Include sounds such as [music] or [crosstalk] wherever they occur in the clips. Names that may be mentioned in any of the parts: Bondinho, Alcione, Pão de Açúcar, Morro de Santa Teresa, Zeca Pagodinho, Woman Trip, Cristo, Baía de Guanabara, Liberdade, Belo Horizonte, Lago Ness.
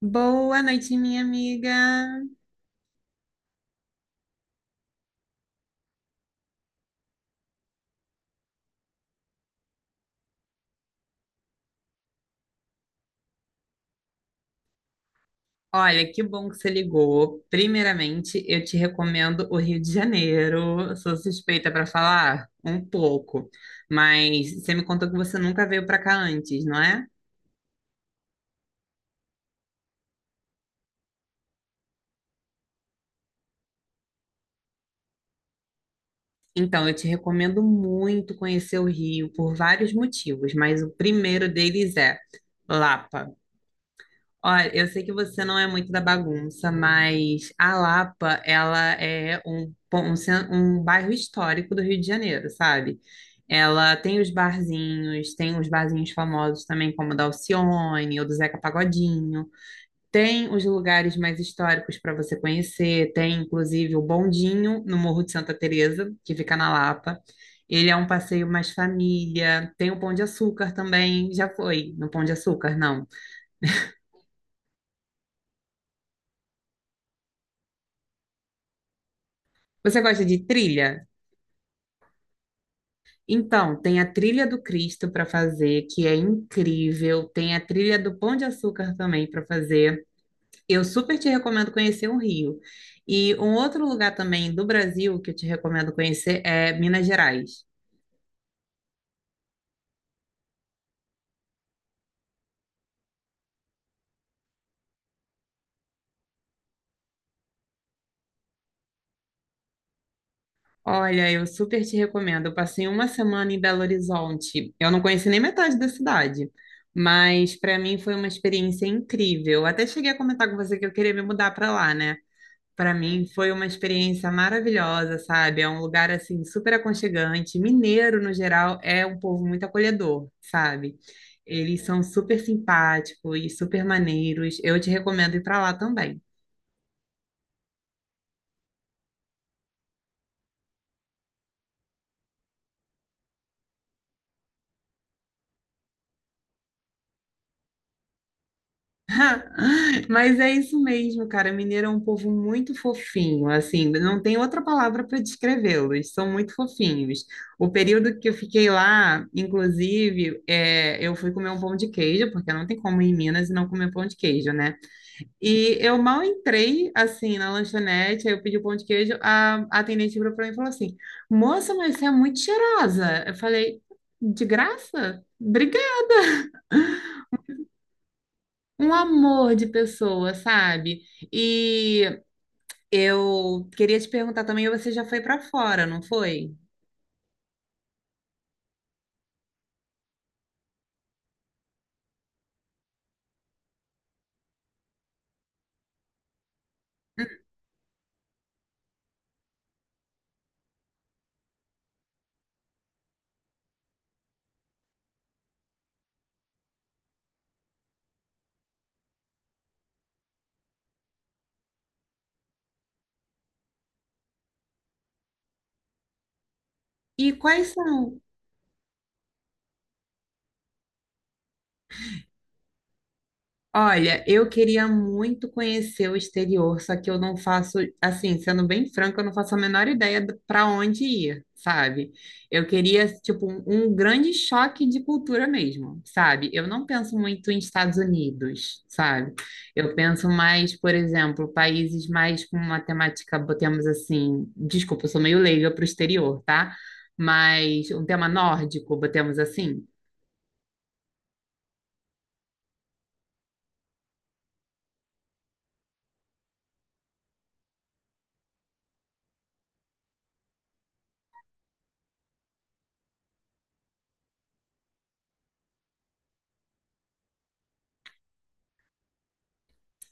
Boa noite, minha amiga. Olha, que bom que você ligou. Primeiramente, eu te recomendo o Rio de Janeiro. Sou suspeita para falar um pouco, mas você me contou que você nunca veio para cá antes, não é? Então, eu te recomendo muito conhecer o Rio por vários motivos, mas o primeiro deles é Lapa. Olha, eu sei que você não é muito da bagunça, mas a Lapa, ela é um bairro histórico do Rio de Janeiro, sabe? Ela tem os barzinhos famosos também, como o da Alcione ou do Zeca Pagodinho. Tem os lugares mais históricos para você conhecer. Tem, inclusive, o Bondinho, no Morro de Santa Teresa, que fica na Lapa. Ele é um passeio mais família. Tem o Pão de Açúcar também. Já foi no Pão de Açúcar, não? Você gosta de trilha? Então, tem a trilha do Cristo para fazer, que é incrível. Tem a trilha do Pão de Açúcar também para fazer. Eu super te recomendo conhecer o Rio. E um outro lugar também do Brasil que eu te recomendo conhecer é Minas Gerais. Olha, eu super te recomendo. Eu passei uma semana em Belo Horizonte. Eu não conheci nem metade da cidade, mas para mim foi uma experiência incrível. Até cheguei a comentar com você que eu queria me mudar para lá, né? Para mim foi uma experiência maravilhosa, sabe? É um lugar assim super aconchegante. Mineiro, no geral, é um povo muito acolhedor, sabe? Eles são super simpáticos e super maneiros. Eu te recomendo ir para lá também. [laughs] Mas é isso mesmo, cara. Mineiro é um povo muito fofinho, assim, não tem outra palavra para descrevê-los. São muito fofinhos. O período que eu fiquei lá, inclusive, eu fui comer um pão de queijo, porque não tem como ir em Minas e não comer pão de queijo, né? E eu mal entrei, assim, na lanchonete, aí eu pedi o pão de queijo, a atendente virou pra mim e falou assim, moça, mas você é muito cheirosa. Eu falei, de graça? Obrigada. [laughs] Um amor de pessoa, sabe? E eu queria te perguntar também, você já foi pra fora, não foi? E quais são? Olha, eu queria muito conhecer o exterior, só que eu não faço, assim, sendo bem franca, eu não faço a menor ideia para onde ir, sabe? Eu queria, tipo, um grande choque de cultura mesmo, sabe? Eu não penso muito em Estados Unidos, sabe? Eu penso mais, por exemplo, países mais com uma temática, botemos assim, desculpa, eu sou meio leiga para o exterior, tá? Mas um tema nórdico, botemos assim.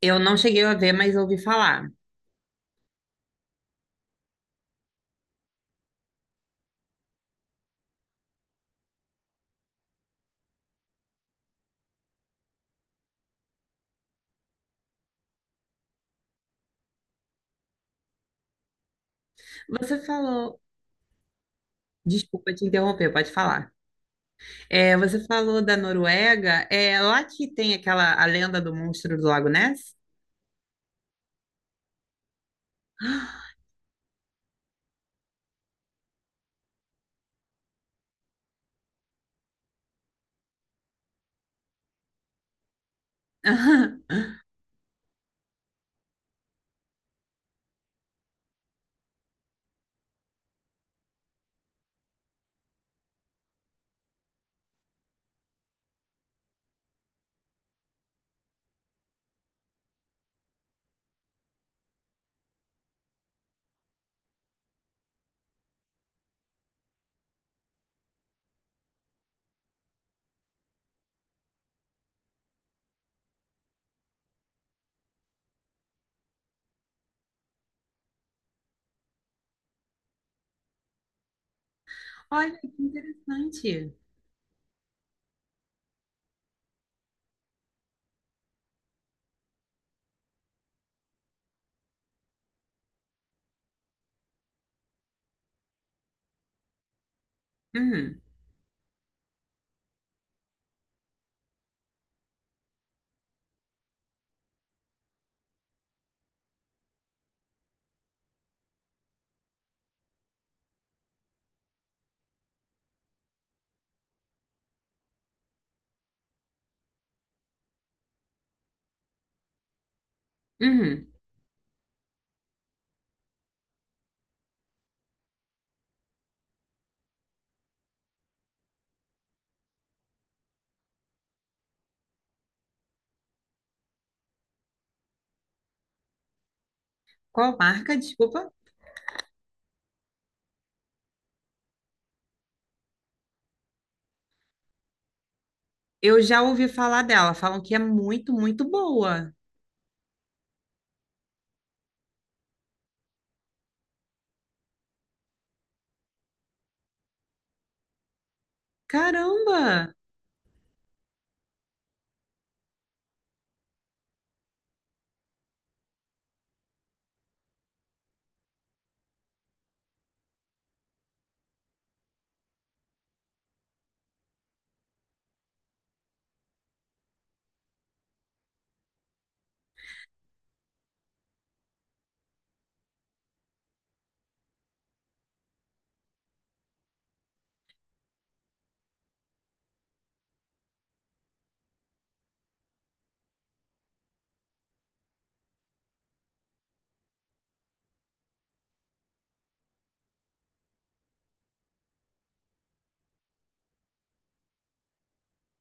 Eu não cheguei a ver, mas ouvi falar. Você falou. Desculpa te interromper, pode falar. É, você falou da Noruega, é lá que tem aquela a lenda do monstro do Lago Ness? [laughs] [gasps] Olha, que interessante. Uhum, uhum. Qual marca? Desculpa. Eu já ouvi falar dela, falam que é muito, muito boa. Caramba!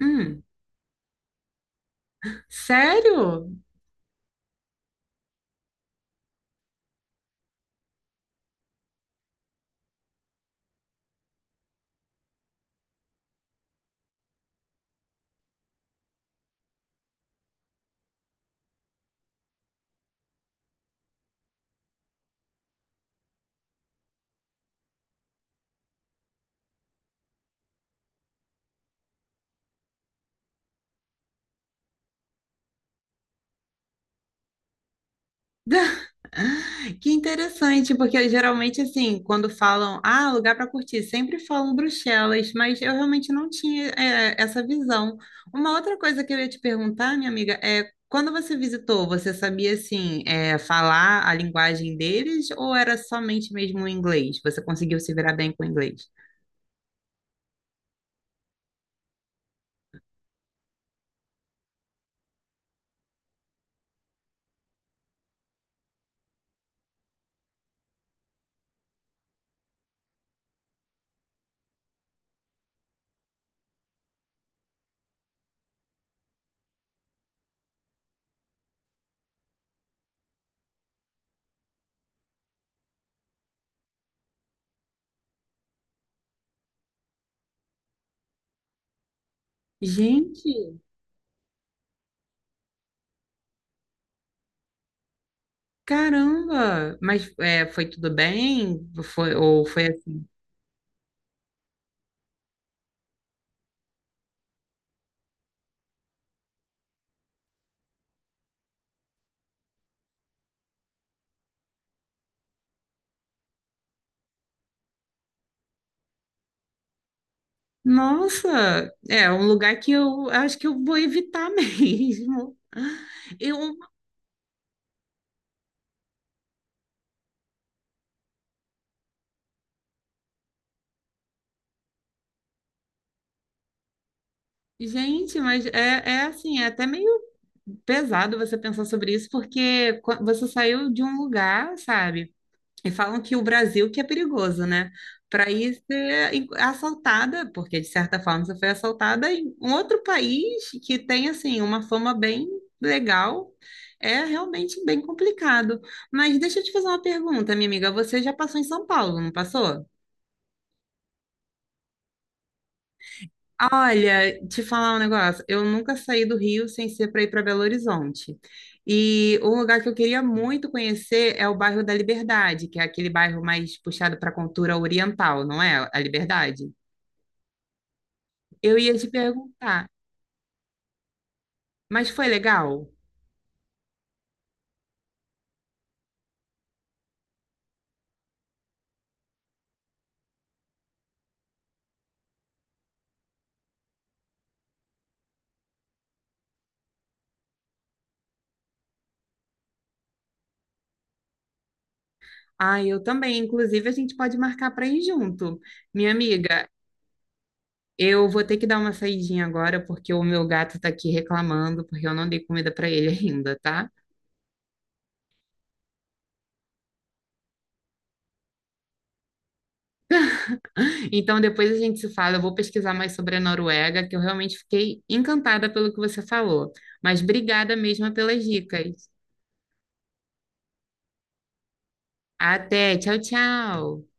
Hum, sério? [laughs] Que interessante, porque geralmente, assim, quando falam, ah, lugar para curtir, sempre falam Bruxelas, mas eu realmente não tinha, essa visão. Uma outra coisa que eu ia te perguntar, minha amiga, é quando você visitou, você sabia, assim, falar a linguagem deles ou era somente mesmo o inglês? Você conseguiu se virar bem com o inglês? Gente, caramba! Mas é, foi tudo bem? Foi, ou foi assim? Nossa, é um lugar que eu acho que eu vou evitar [laughs] mesmo. Eu, gente, mas é, assim, é até meio pesado você pensar sobre isso, porque você saiu de um lugar, sabe? E falam que o Brasil que é perigoso, né? Para ir ser assaltada, porque de certa forma você foi assaltada em um outro país que tem assim uma fama bem legal, é realmente bem complicado. Mas deixa eu te fazer uma pergunta, minha amiga. Você já passou em São Paulo, não passou? Olha, te falar um negócio. Eu nunca saí do Rio sem ser para ir para Belo Horizonte. E um lugar que eu queria muito conhecer é o bairro da Liberdade, que é aquele bairro mais puxado para a cultura oriental, não é? A Liberdade. Eu ia te perguntar, mas foi legal? Ah, eu também. Inclusive, a gente pode marcar para ir junto. Minha amiga, eu vou ter que dar uma saidinha agora porque o meu gato está aqui reclamando porque eu não dei comida para ele [laughs] ainda, tá? Então, depois a gente se fala. Eu vou pesquisar mais sobre a Noruega, que eu realmente fiquei encantada pelo que você falou. Mas obrigada mesmo pelas dicas. Até, tchau, tchau.